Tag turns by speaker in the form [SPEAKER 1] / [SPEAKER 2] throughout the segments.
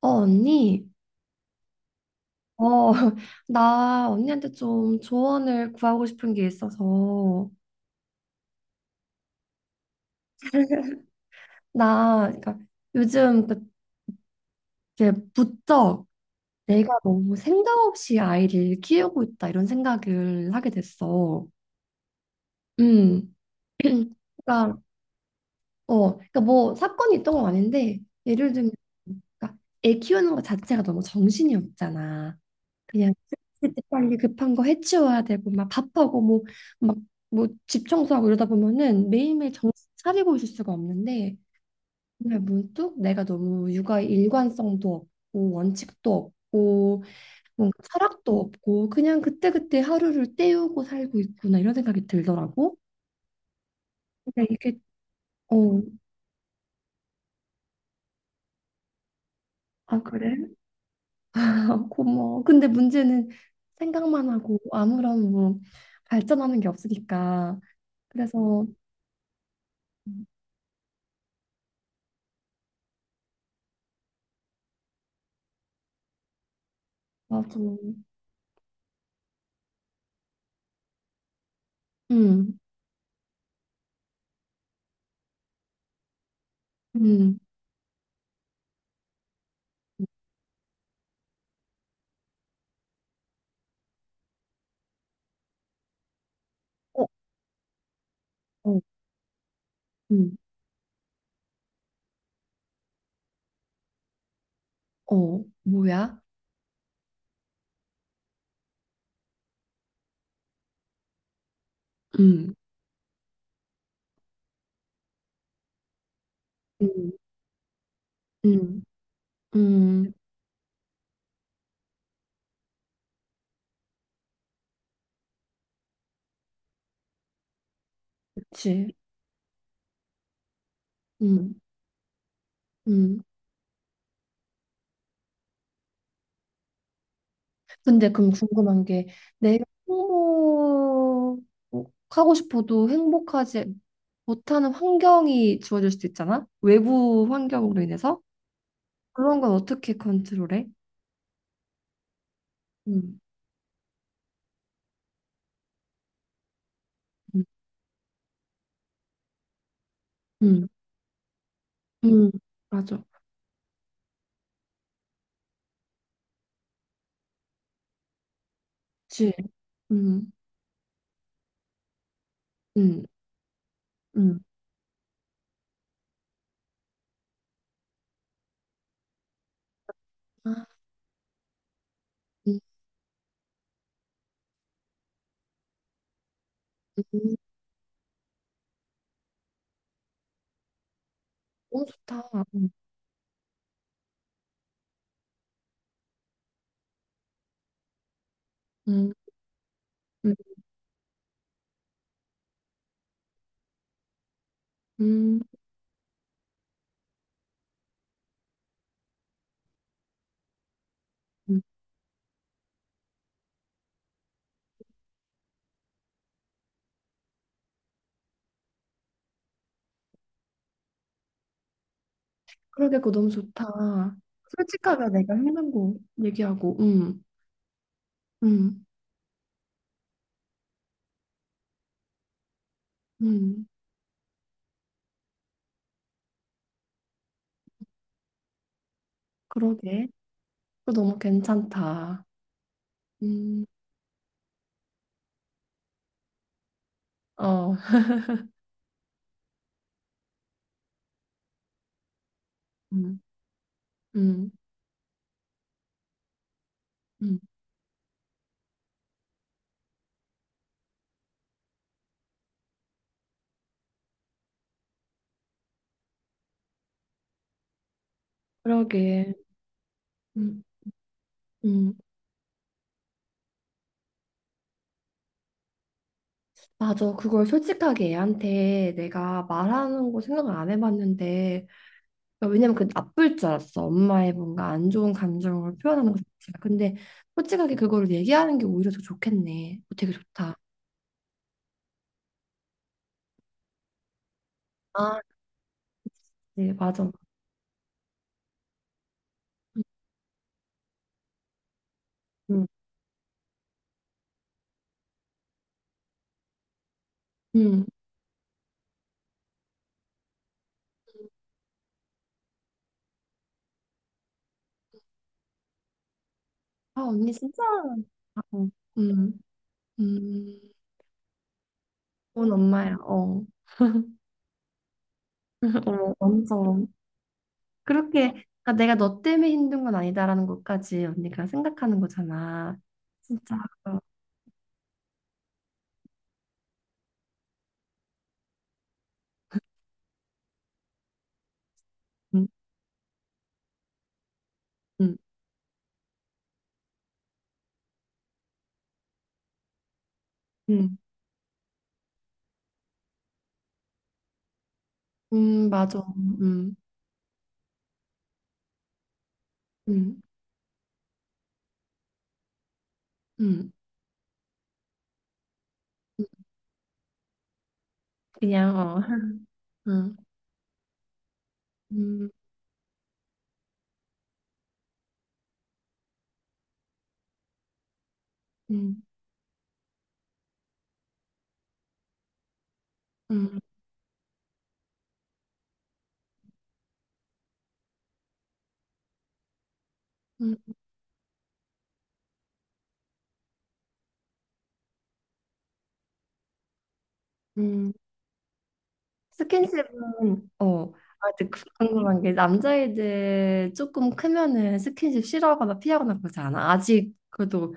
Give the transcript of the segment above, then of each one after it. [SPEAKER 1] 어, 언니, 어, 나 언니한테 좀 조언을 구하고 싶은 게 있어서, 나, 그러니까 요즘 그렇게 부쩍 내가 너무 생각 없이 아이를 키우고 있다, 이런 생각을 하게 됐어. 음, 그러니까, 어, 그러니까 뭐 사건이 있던 건 아닌데, 예를 들면, 그러니까 애 키우는 것 자체가 너무 정신이 없잖아. 그냥 빨리 급한 거 해치워야 되고 막 밥하고 뭐 막 뭐 집 청소하고 이러다 보면은 매일매일 정신 차리고 있을 수가 없는데 정말 문득 내가 너무 육아 일관성도 없고 원칙도 없고 뭔가 철학도 없고 그냥 그때그때 하루를 때우고 살고 있구나 이런 생각이 들더라고. 근데 이게 어, 아 그래? 고마워. 근데 문제는 생각만 하고 아무런 뭐 발전하는 게 없으니까 그래서 맞아. 음, 음, 어, 어, 음, 어, 뭐야? 음, 음, 음, 음, 그치. 음, 음. 근데 그럼 궁금한 게 내가 행복하고 싶어도 행복하지 못하는 환경이 주어질 수도 있잖아? 외부 환경으로 인해서? 그런 건 어떻게 컨트롤해? 음, 음, 음, 음, 맞아. 그치. 음, 음, 음. 아, 음, 음. 너무 좋다. 음. 음. 음, 음, 음. 그러게 그거 너무 좋다. 솔직하게 내가 힘든 거 얘기하고, 음, 음, 그러게. 그거 너무 괜찮다. 음, 어, 음, 음, 음, 그러게. 음, 음, 맞아. 그걸 솔직하게 애한테 내가 말하는 거 생각을 안 해봤는데, 그러니까 왜냐면 그 나쁠 줄 알았어. 엄마의 뭔가 안 좋은 감정을 표현하는 것 자체가. 근데 솔직하게 그거를 얘기하는 게 오히려 더 좋겠네. 어, 되게 좋다. 아, 네, 맞아. 음, 음. 아, 언니 진짜. 어, 음, 음. 좋은 엄마야. 어. 어, 완전. 그렇게, 아, 내가 너 때문에 힘든 건 아니다라는 것까지 언니가 생각하는 거잖아. 진짜. 어, 음, 음, 음. 맞아. 음, 음, 음. 그냥, 어. 음, 음, 음, 음, 음. 스킨십은 어, 아, 근데 궁금한 게 남자애들 조금 크면은 스킨십 싫어하거나 피하거나 그러지 않아? 아직 그래도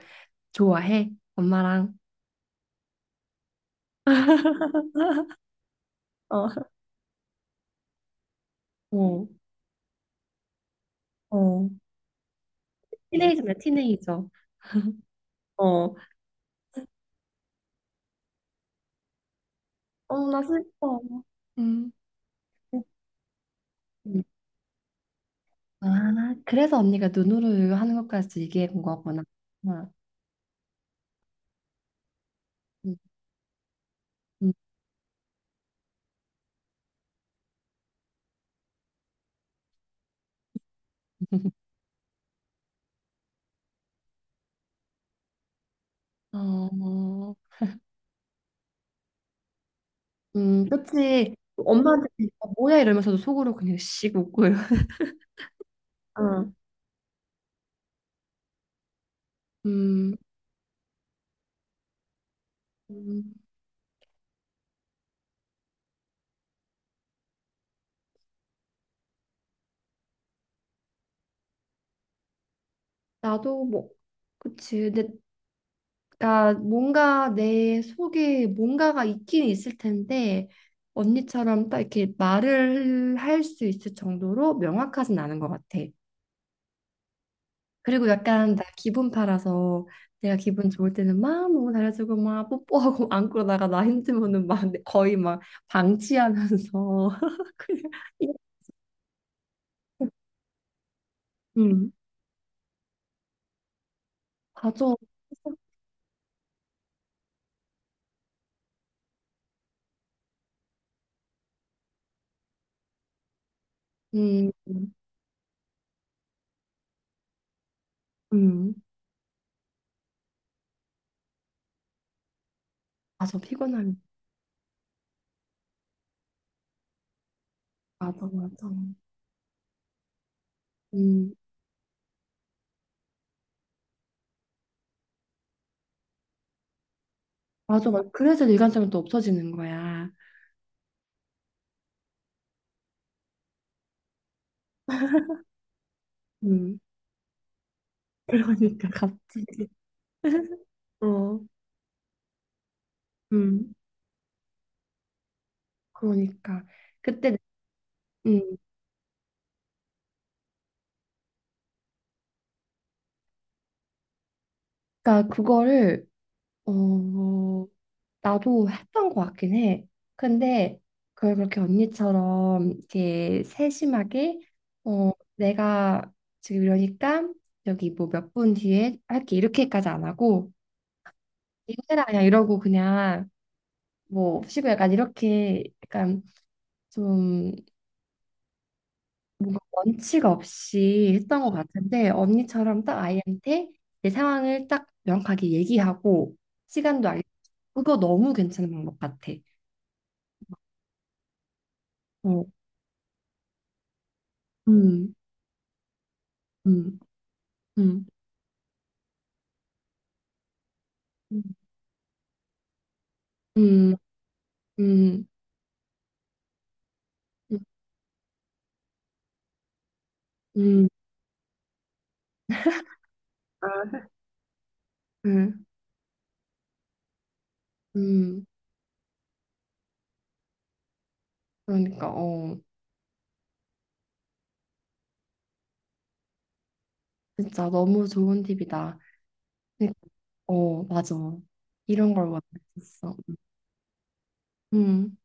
[SPEAKER 1] 좋아해? 엄마랑. 어, 어, 어. 티네이저네, 티네이저. 어, 어, 나 슬퍼. 음. 음. 아, 그래서 언니가 눈으로 하는 것까지 얘기해 본 거구나. 아, 음, 음. 어, 그치. 엄마한테 아, 뭐야 이러면서도 속으로 그냥 씩 웃고요. 어. 음, 음. 나도 뭐 그치. 근데 나 뭔가 내 속에 뭔가가 있긴 있을 텐데 언니처럼 딱 이렇게 말을 할 수 있을 정도로 명확하진 않은 것 같아. 그리고 약간 나 기분 팔아서 내가 기분 좋을 때는 막 너무 잘해주고 막 뽀뽀하고 안고 나가 나 힘들면은 막 거의 막 방치하면서 그냥 이- 음 맞아 음, 음, 맞아 피곤함 맞아 맞아 음 맞아, 맞아. 그래서 일관성이 또 없어지는 거야. 음. 그러니까 갑자기. 어, 음. 그러니까 그때, 음. 그러니까 그거를 어 나도 했던 것 같긴 해. 근데 그걸 그렇게 언니처럼 이렇게 세심하게 어 내가 지금 이러니까 여기 뭐 몇 분 뒤에 할게 이렇게까지 안 하고 이거 해라 그냥 이러고 그냥 뭐 쉬고 약간 이렇게 약간 좀 뭔가 원칙 없이 했던 것 같은데 언니처럼 딱 아이한테 내 상황을 딱 명확하게 얘기하고 시간도 알려. 그거 너무 괜찮은 방법 같아. 어, 음, 음, 음, 음, 음, 음, 음, 음, 아, 음, 음. 그러니까 어, 진짜 너무 좋은 팁이다. 그러니까, 어, 맞아. 이런 걸 원했었어. 음,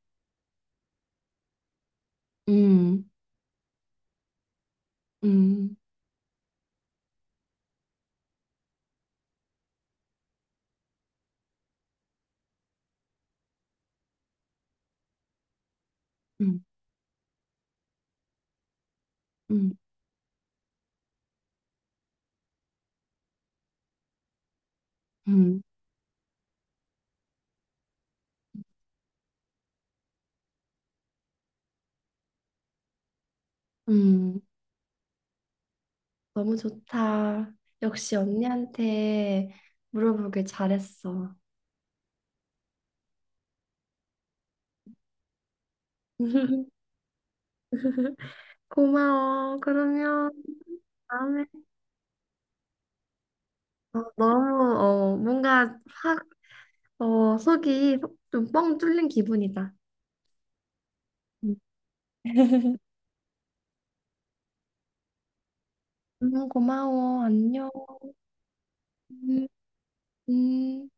[SPEAKER 1] 음, 음, 음, 음, 음, 음. 너무 좋다. 역시 언니한테 물어보길 잘했어. 아, 다음에 어, 너무 어, 뭔가 확 어, 속이 좀 뻥 뚫린 기분이다. 음, 무 고마워. 안녕. 음. 음.